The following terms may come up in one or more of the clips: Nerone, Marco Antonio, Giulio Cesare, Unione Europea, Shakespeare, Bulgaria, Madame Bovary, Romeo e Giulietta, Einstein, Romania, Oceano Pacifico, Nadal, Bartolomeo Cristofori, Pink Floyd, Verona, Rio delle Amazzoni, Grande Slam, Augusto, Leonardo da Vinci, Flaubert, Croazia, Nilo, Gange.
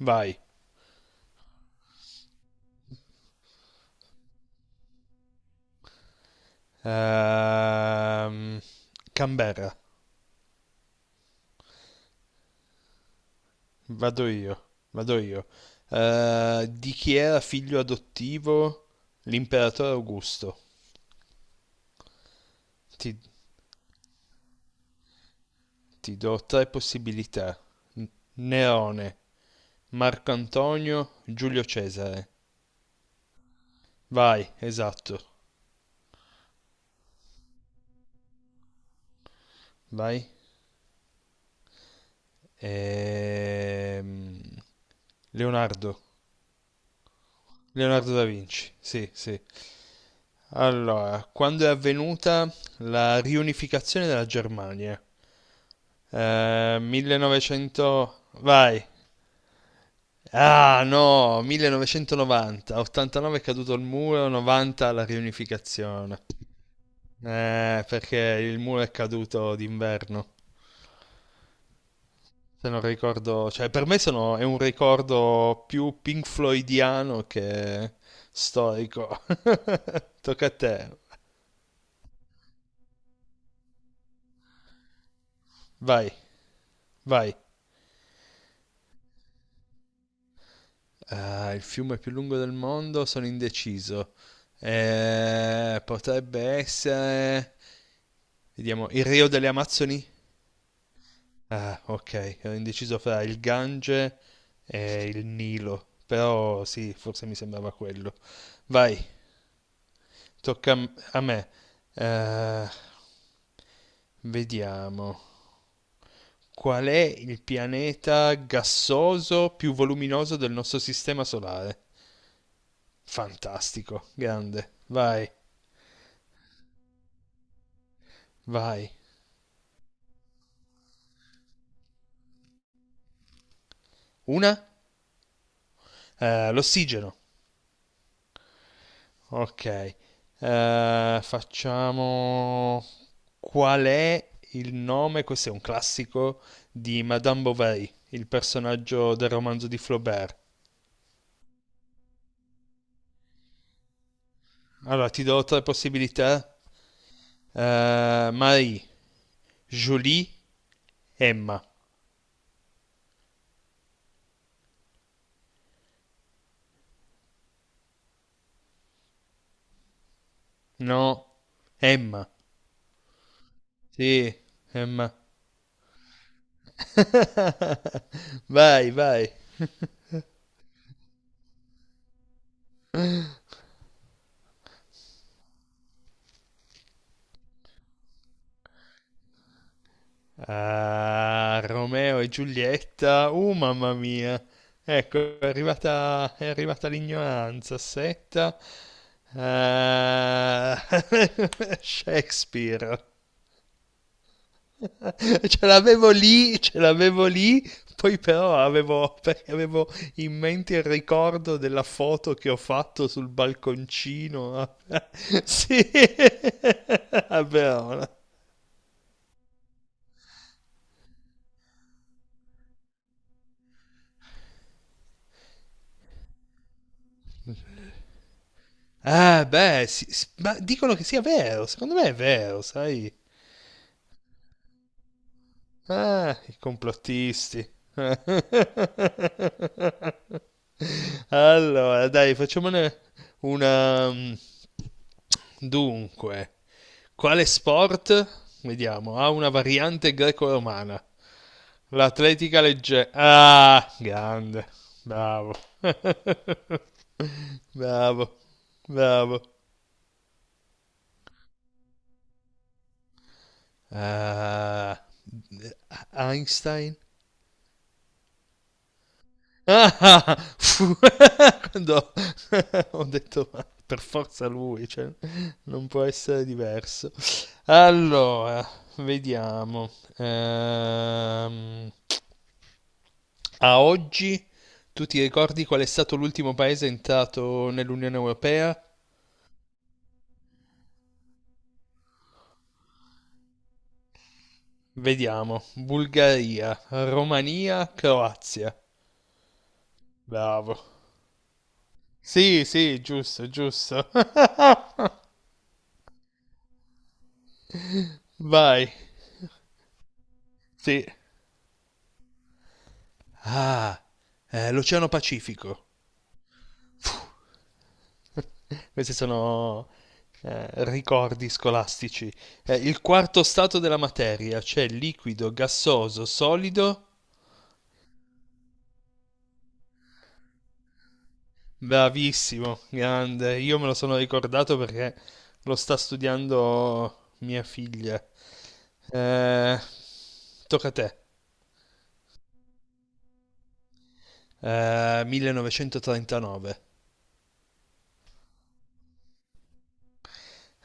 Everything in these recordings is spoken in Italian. Vai. Ehm, Canberra. Vado io. Vado io. Di chi era figlio adottivo l'imperatore Augusto? Ti, ti do tre possibilità. N- Nerone, Marco Antonio, Giulio Cesare. Vai, esatto. Vai. Ehm, Leonardo. Leonardo da Vinci, sì, sì. Allora, quando è avvenuta la riunificazione della Germania? 1900. Vai. Ah, no, 1990. 89 è caduto il muro, 90 la riunificazione. Perché il muro è caduto d'inverno. Se non ricordo, cioè per me sono, è un ricordo più Pink Floydiano che storico. Tocca a te. Vai, vai. Ah, il fiume più lungo del mondo, sono indeciso. Potrebbe essere. Vediamo, il Rio delle Amazzoni? Ah, ok, ero indeciso fra il Gange e il Nilo. Però sì, forse mi sembrava quello. Vai, tocca a a me. Eh, Vediamo. Qual è il pianeta gassoso più voluminoso del nostro sistema solare? Fantastico, grande. Vai, vai. Una? L'ossigeno. Ok. Facciamo. Qual è il nome? Questo è un classico di Madame Bovary, il personaggio del romanzo di Flaubert. Allora, ti do tre possibilità. Marie, Julie, Emma. No, Emma. Sì, Emma. Vai, vai. Ah, Romeo e Giulietta. Mamma mia. Ecco, è arrivata l'ignoranza. Setta. Ah, Shakespeare. Ce l'avevo lì, poi però avevo, perché avevo in mente il ricordo della foto che ho fatto sul balconcino. Sì, a Verona. Ah, beh, sì, ma dicono che sia vero, secondo me è vero, sai? Ah, i complottisti. Allora, dai, facciamone una. Dunque, quale sport? Vediamo, ha una variante greco-romana. L'atletica leggera. Ah, grande. Bravo. Bravo. Bravo. eh, Einstein. Ah, quando ho detto ma per forza lui, cioè, non può essere diverso. Allora, vediamo. Ehm, A oggi tu ti ricordi qual è stato l'ultimo paese entrato nell'Unione Europea? Vediamo. Bulgaria, Romania, Croazia. Bravo. Sì, sì, giusto, giusto. Vai. Sì. Ah, l'Oceano Pacifico. Questi sono ricordi scolastici. Il quarto stato della materia, c'è liquido, gassoso, solido. Bravissimo, grande. Io me lo sono ricordato perché lo sta studiando mia figlia. Eh, Tocca a te. 1939.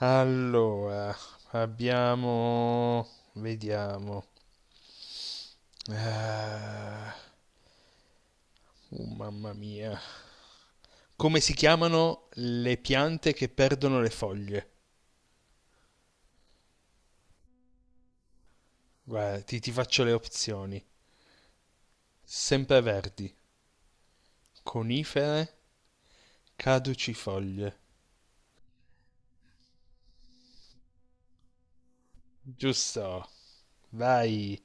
Allora, abbiamo. Vediamo. Ah, mamma mia. Come si chiamano le piante che perdono le foglie? Guarda, ti faccio le opzioni. Sempreverdi, conifere, caducifoglie. Giusto, vai.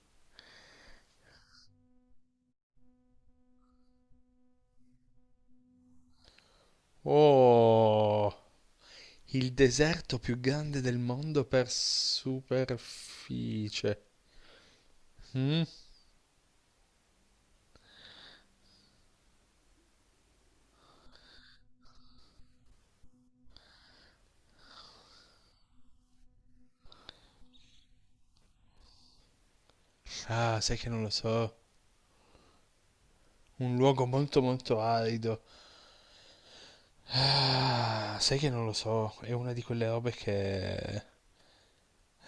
Oh, il deserto più grande del mondo per superficie. Mm? Ah, sai che non lo so. Un luogo molto molto arido. Ah, sai che non lo so, è una di quelle robe che.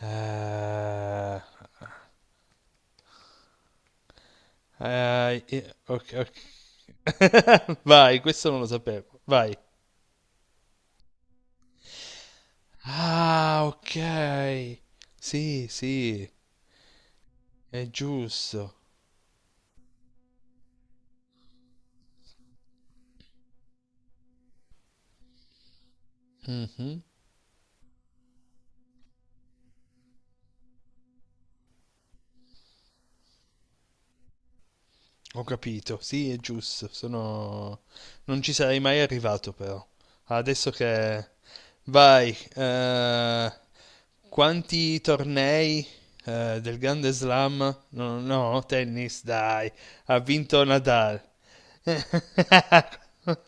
Ah, ah, ok, ok. Vai, questo non lo sapevo. Vai. Ah, ok. Sì, sì, è giusto. Mhm. Ho capito, sì, è giusto, sono. Non ci sarei mai arrivato però. Adesso che. Vai, quanti tornei del Grande Slam? No, no, tennis, dai, ha vinto Nadal.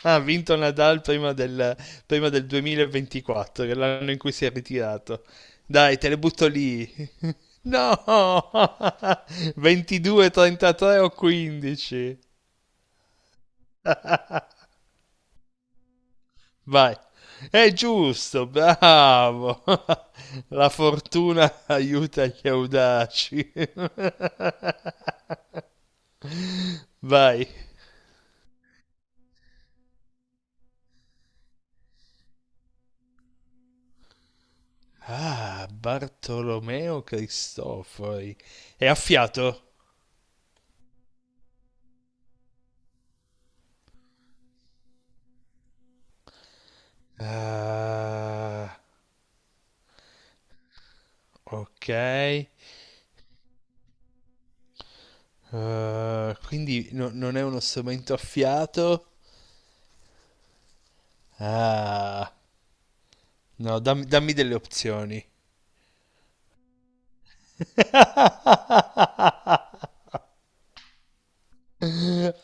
Ha vinto Nadal prima del 2024, che è l'anno in cui si è ritirato. Dai, te le butto lì. No! 22, 33 o 15. Vai. È giusto, bravo. La fortuna aiuta gli audaci. Vai. Ah, Bartolomeo Cristofori. È a fiato? Ah, ok. Ah, quindi non è uno strumento a fiato? Ah. No, dammi delle opzioni.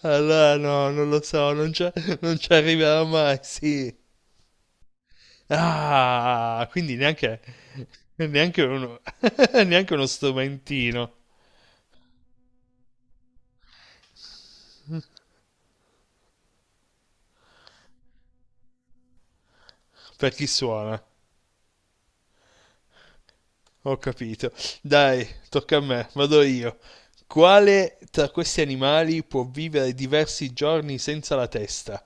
Allora, no, non lo so, non ci arriverò mai, sì. Ah, quindi neanche uno, neanche uno strumentino per chi suona. Ho capito. Dai, tocca a me, vado io. Quale tra questi animali può vivere diversi giorni senza la testa?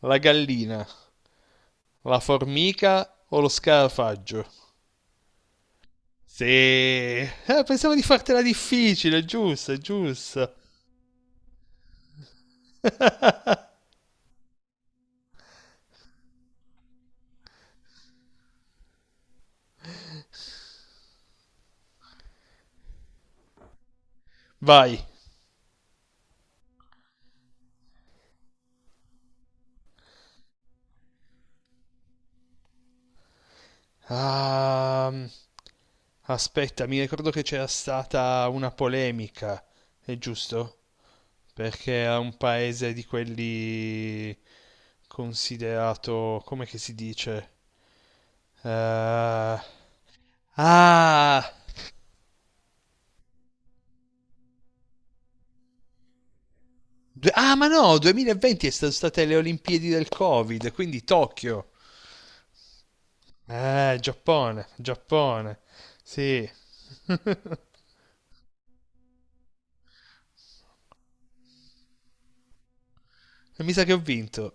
La gallina, la formica o lo scarafaggio? Sì, pensavo di fartela difficile, giusto, giusto. Vai. Ehm, Aspetta, mi ricordo che c'era stata una polemica, è giusto? Perché era un paese di quelli considerato, come che si dice? Eh, ah, ah, ma no, 2020 è stato state le Olimpiadi del Covid, quindi Tokyo. Giappone, Giappone. Sì. Mi sa che ho vinto.